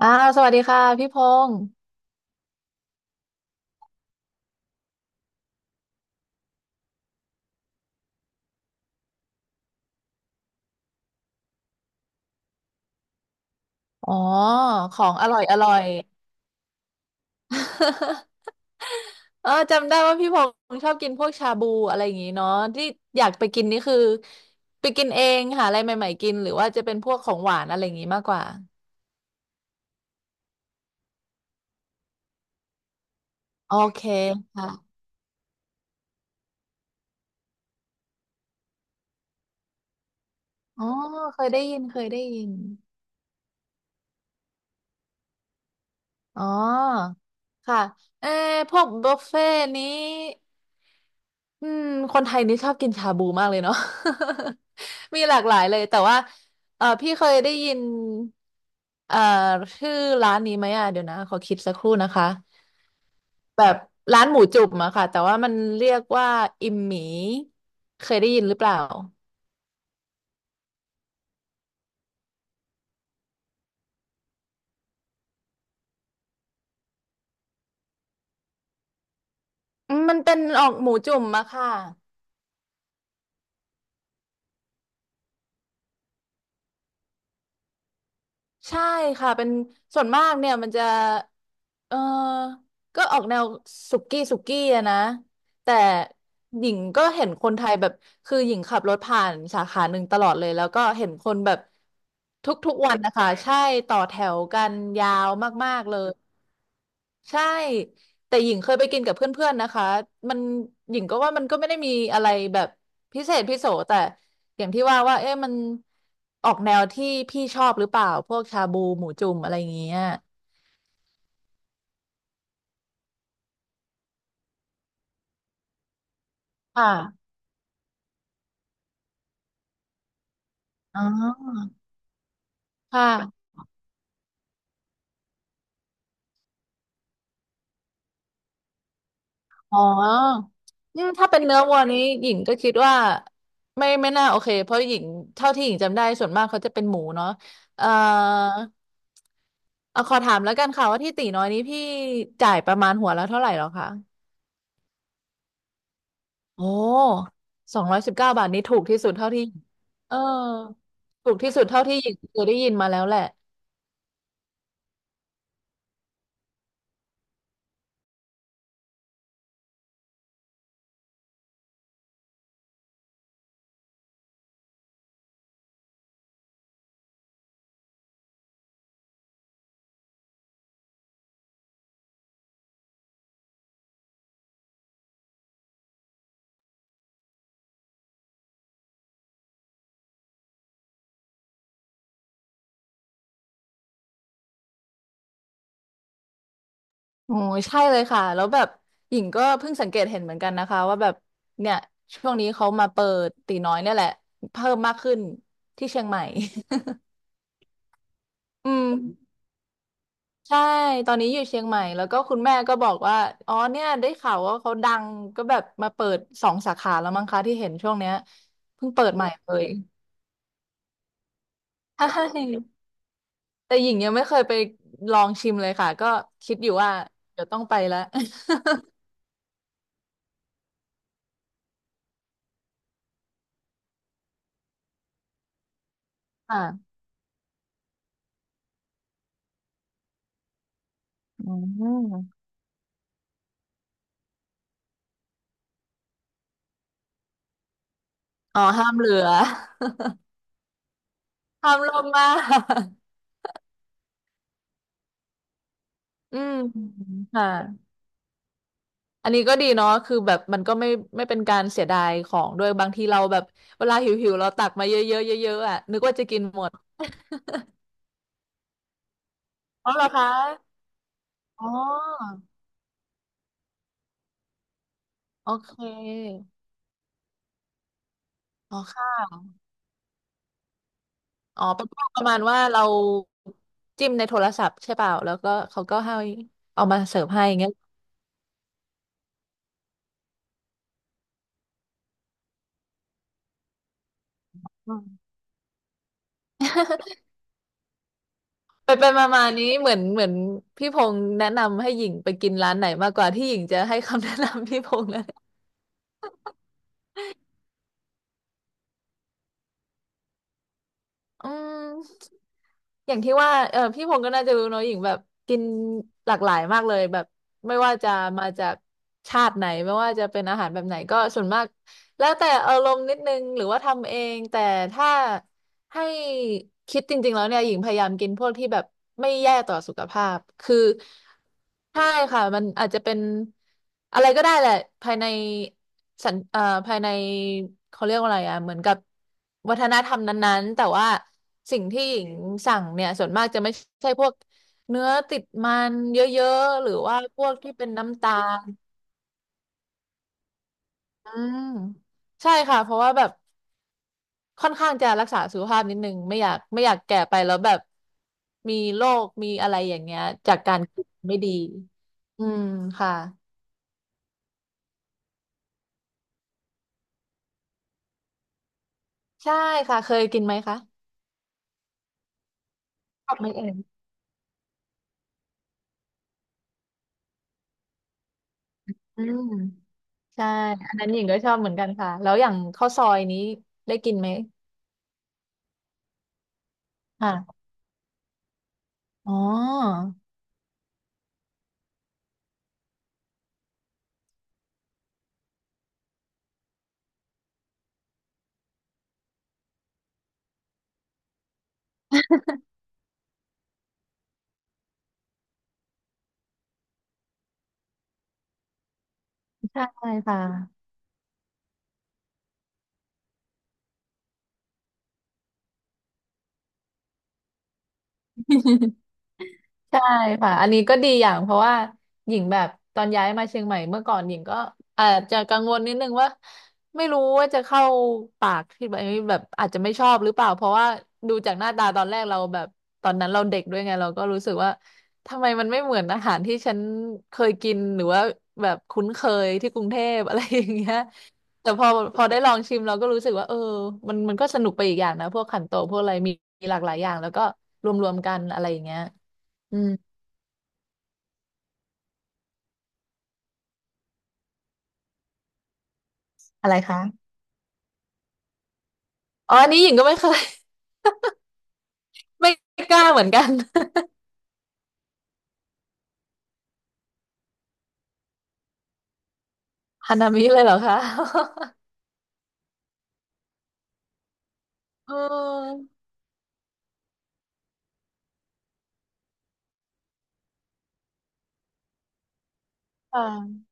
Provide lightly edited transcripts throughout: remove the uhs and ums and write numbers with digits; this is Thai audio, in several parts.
อ้าวสวัสดีค่ะพี่พงศ์อ๋อของอร่อยอร่อย เออจำได้ว่าพี่พงศ์ชอบกินพวกชาบูอะไรอย่างงี้เนาะที่อยากไปกินนี่คือไปกินเองหาอะไรใหม่ๆกินหรือว่าจะเป็นพวกของหวานอะไรอย่างงี้มากกว่าโอเคค่ะอ๋อเคยได้ยินเคยได้ยินอ๋อค่ะเออพวกบุฟเฟ่ต์นี้ อืมคนไทยนี่ชอบกินชาบูมากเลยเนาะ มีหลากหลายเลยแต่ว่าเออพี่เคยได้ยินเอ่อชื่อร้านนี้ไหมอ่ะเดี๋ยวนะขอคิดสักครู่นะคะแบบร้านหมูจุ่มอะค่ะแต่ว่ามันเรียกว่าอิมหมีเคยได้ยินหรือเปล่าอืมมันเป็นออกหมูจุ่มอะค่ะ ใช่ค่ะเป็นส่วนมากเนี่ยมันจะเออก็ออกแนวสุกี้สุกี้อะนะแต่หญิงก็เห็นคนไทยแบบคือหญิงขับรถผ่านสาขาหนึ่งตลอดเลยแล้วก็เห็นคนแบบทุกๆวันนะคะใช่ต่อแถวกันยาวมากๆเลยใช่ แต่หญิงเคยไปกินกับเพื่อนๆนะคะมันหญิงก็ว่ามันก็ไม่ได้มีอะไรแบบพิเศษพิโสแต่อย่างที่ว่าว่าเอ๊ะมันออกแนวที่พี่ชอบหรือเปล่าพวกชาบูหมูจุ่มอะไรอย่างเงี้ยค่ะอ๋อค่ะอ๋ออืมถ้าเป็นเนื้อวัวนี้หญิงก็คิดว่าไม่น่าโอเคเพราะหญิงเท่าที่หญิงจำได้ส่วนมากเขาจะเป็นหมูเนาะเอ่อเอาขอถามแล้วกันค่ะว่าที่ตีน้อยนี้พี่จ่ายประมาณหัวละเท่าไหร่หรอคะ โอ้219 บาทนี้ถูกที่สุดเท่าที่เออถูกที่สุดเท่าที่หญิงเคยได้ยินมาแล้วแหละโอ้ยใช่เลยค่ะแล้วแบบหญิงก็เพิ่งสังเกตเห็นเหมือนกันนะคะว่าแบบเนี่ยช่วงนี้เขามาเปิดตีน้อยเนี่ยแหละเพิ่มมากขึ้นที่เชียงใหม่ อืมใช่ตอนนี้อยู่เชียงใหม่แล้วก็คุณแม่ก็บอกว่าอ๋อเนี่ยได้ข่าวว่าเขาดังก็แบบมาเปิดสองสาขาแล้วมั้งคะที่เห็นช่วงเนี้ยเพิ่งเปิดใหม่เลย ใช่ แต่หญิงยังไม่เคยไปลองชิมเลยค่ะก็คิดอยู่ว่าเดี๋ยวต้องไปแล้ว ค่ะอืมอ๋อห้ามเหลือ ห้ามลงมากอืมค่ะอันนี้ก็ดีเนาะคือแบบมันก็ไม่เป็นการเสียดายของด้วยบางทีเราแบบเวลาหิวหิวเราตักมาเยอะๆเยอะๆอ่ะนึกว่าจะกินหมดอ๋อเหรอคะอ๋อโอเคอ๋อค่ะอ๋อเป็นพวกประมาณว่าเราจิ้มในโทรศัพท์ใช่เปล่าแล้วก็เขาก็ให้เอามาเสิร์ฟให้เงี้ย อืมไปไปมามานี้เหมือนพี่พงษ์แนะนำให้หญิงไปกินร้านไหนมากกว่าที่หญิงจะให้คำ แนะนำพี่พงษ์นะอืม อย่างที่ว่าเออพี่พงศ์ก็น่าจะรู้เนอะหญิงแบบกินหลากหลายมากเลยแบบไม่ว่าจะมาจากชาติไหนไม่ว่าจะเป็นอาหารแบบไหนก็ส่วนมากแล้วแต่อารมณ์นิดนึงหรือว่าทำเองแต่ถ้าให้คิดจริงๆแล้วเนี่ยหญิงพยายามกินพวกที่แบบไม่แย่ต่อสุขภาพคือใช่ค่ะมันอาจจะเป็นอะไรก็ได้แหละภายใน สัญเอ่อภายในเขาเรียกว่าอะไรอ่ะเหมือนกับวัฒนธรรมนั้นๆ แต่ว่าสิ่งที่หญิงสั่งเนี่ยส่วนมากจะไม่ใช่พวกเนื้อติดมันเยอะๆ หรือว่าพวกที่เป็นน้ำตาลอืมใช่ค่ะ เพราะว่าแบบค่อนข้างจะรักษาสุขภาพนิดนึงไม่อยากแก่ไปแล้วแบบมีโรคมีอะไรอย่างเงี้ยจากการกินไม่ดีอืมค่ะใช่ค่ะ เคยกินไหมคะชอบไหมเอ่ยอืม ใช่ อันนั้นหญิงก็ชอบเหมือนกันค่ะ แล้วอย่างข้าวซอยนี้ได้กินไหมค่ะอ๋อ ใช่ค่ะ ใช่ค่ะอันนี้ก็ดีอย่างเพราะว่าหญิงแบบตอนย้ายมาเชียงใหม่เมื่อก่อนหญิงก็อาจจะกังวลนิดนึงว่าไม่รู้ว่าจะเข้าปากที่แบบแบบอาจจะไม่ชอบหรือเปล่าเพราะว่าดูจากหน้าตาตอนแรกเราแบบตอนนั้นเราเด็กด้วยไงเราก็รู้สึกว่าทำไมมันไม่เหมือนอาหารที่ฉันเคยกินหรือว่าแบบคุ้นเคยที่กรุงเทพอะไรอย่างเงี้ยแต่พอได้ลองชิมเราก็รู้สึกว่าเออมันก็สนุกไปอีกอย่างนะพวกขันโตกพวกอะไรมีหลากหลายอย่างแล้วก็รวมๆกันอะไรอย่างเงี้ยอืม อะไรคะอ๋ออันนี้หญิงก็ไม่เคย ไม่กล้าเหมือนกัน ฮานามิเลยเหรอคะ เออค่ะ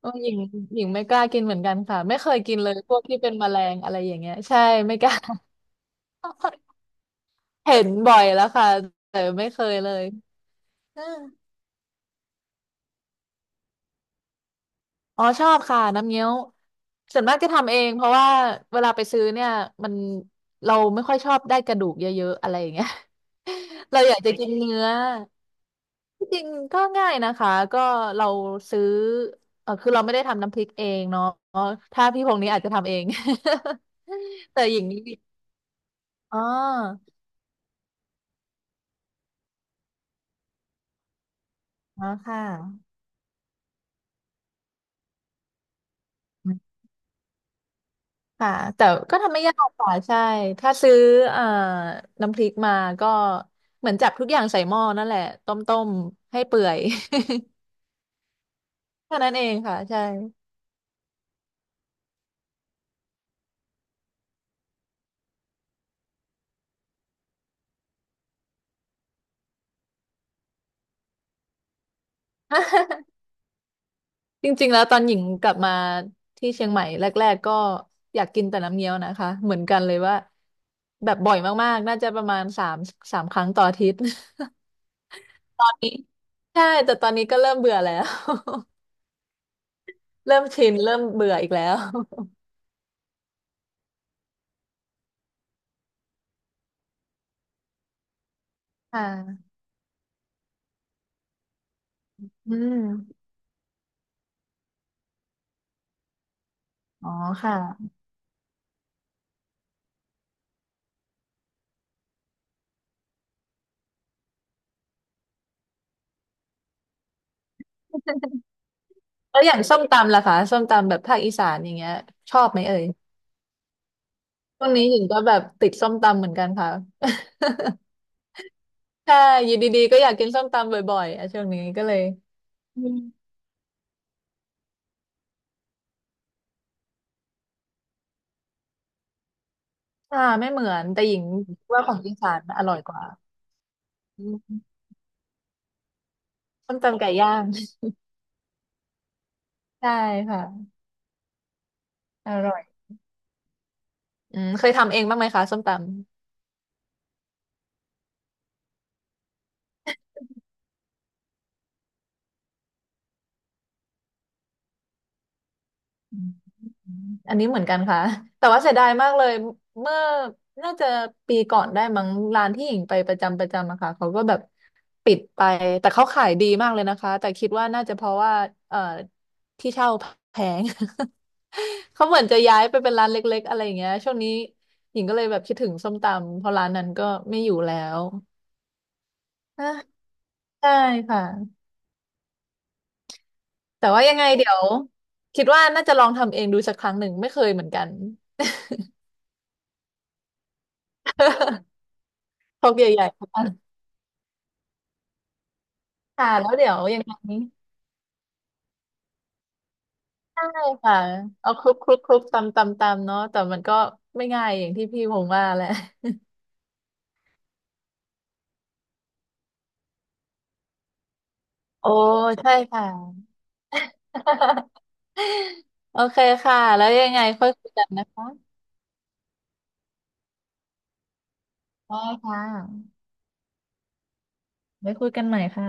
เออหญิงหญิงไม่กล้ากินเหมือนกันค่ะไม่เคยกินเลยพวกที่เป็นแมลงอะไรอย่างเงี้ยใช่ไม่กล้า เห็นบ่อยแล้วค่ะแต่ไม่เคยเลยเอออ๋อชอบค่ะน้ำเงี้ยวส่วนมากจะทำเองเพราะว่าเวลาไปซื้อเนี่ยมันเราไม่ค่อยชอบได้กระดูกเยอะๆอะไรอย่างเงี้ย เราอยากจะกินเนื้อ ที่จริงก็ง่ายนะคะก็เราซื้อเออคือเราไม่ได้ทำน้ำพริกเองเนาะถ้าพี่พงษ์นี้อาจจะทำเอง แต่อย่างนี้อ๋ออ๋อค่ะอืมค่ะแต่ก็ทำไม่ยากค่ะใช่ถ้าซื้อเอ่อน้ำพริกมาก็เหมือนจับทุกอย่างใส่หม้อนั่นแหละต้มๆให้เปื่อย แค่านั้นเองค่ะใช่ จริงๆ แล้วตอนหญิงกลับมาที่เชียงใหม่แรกๆก็อยากกินแต่น้ำเงี้ยวนะคะเหมือนกันเลยว่าแบบบ่อยมากๆน่าจะประมาณสามครั้งต่ออาทิตย์ ตอนนี้ใช่แต่ตอนนี้ก็เริ่มเบื่อแล้ว เริ่มชินเริ่มเบื่ออีกแล้วค่ะอืมอ๋อค่ะแล้วอย่างส้มตำล่ะคะส้มตำแบบภาคอีสานอย่างเงี้ยชอบไหมเอ่ยช่วงนี้หญิงก็แบบติดส้มตำเหมือนกันค่ะ ใช่อยู่ดีๆก็อยากกินส้มตำบ่อยๆอ่ะช่วงนี้ก็เลย อ่าไม่เหมือนแต่หญิงว่าของอีสานอร่อยกว่าอืมส้มตำไก่ย่าง ใช่ค่ะอร่อยอืมเคยทำเองบ้างไหมคะส้มตำ อันนี้เหมือนกันค่ะแต่ว่าเสียดายมากเลยเมื่อน่าจะปีก่อนได้มั้งร้านที่หญิงไปประจำอะค่ะเขาก็แบบปิดไปแต่เขาขายดีมากเลยนะคะแต่คิดว่าน่าจะเพราะว่าเอ่อที่เช่าแพง เขาเหมือนจะย้ายไปเป็นร้านเล็กๆอะไรอย่างเงี้ยช่วงนี้หญิงก็เลยแบบคิดถึงส้มตำเพราะร้านนั้นก็ไม่อยู่แล้วอ่ะใช่ค่ะแต่ว่ายังไงเดี๋ยวคิดว่าน่าจะลองทำเองดูสักครั้งหนึ่งไม่เคยเหมือนกัน พกใหญ่ๆ ค่ะแล้วเดี๋ยวยังไงใช่ค่ะเอาคลุกคลุกคลุกตำตำตำเนาะแต่มันก็ไม่ง่ายอย่างที่พี่ผมว่าแหละโอ้ใช่ค่ะ โอเคค่ะแล้วยังไงค่อยคุยกันนะคะได้ค่ะไว้คุยกันใหม่ค่ะ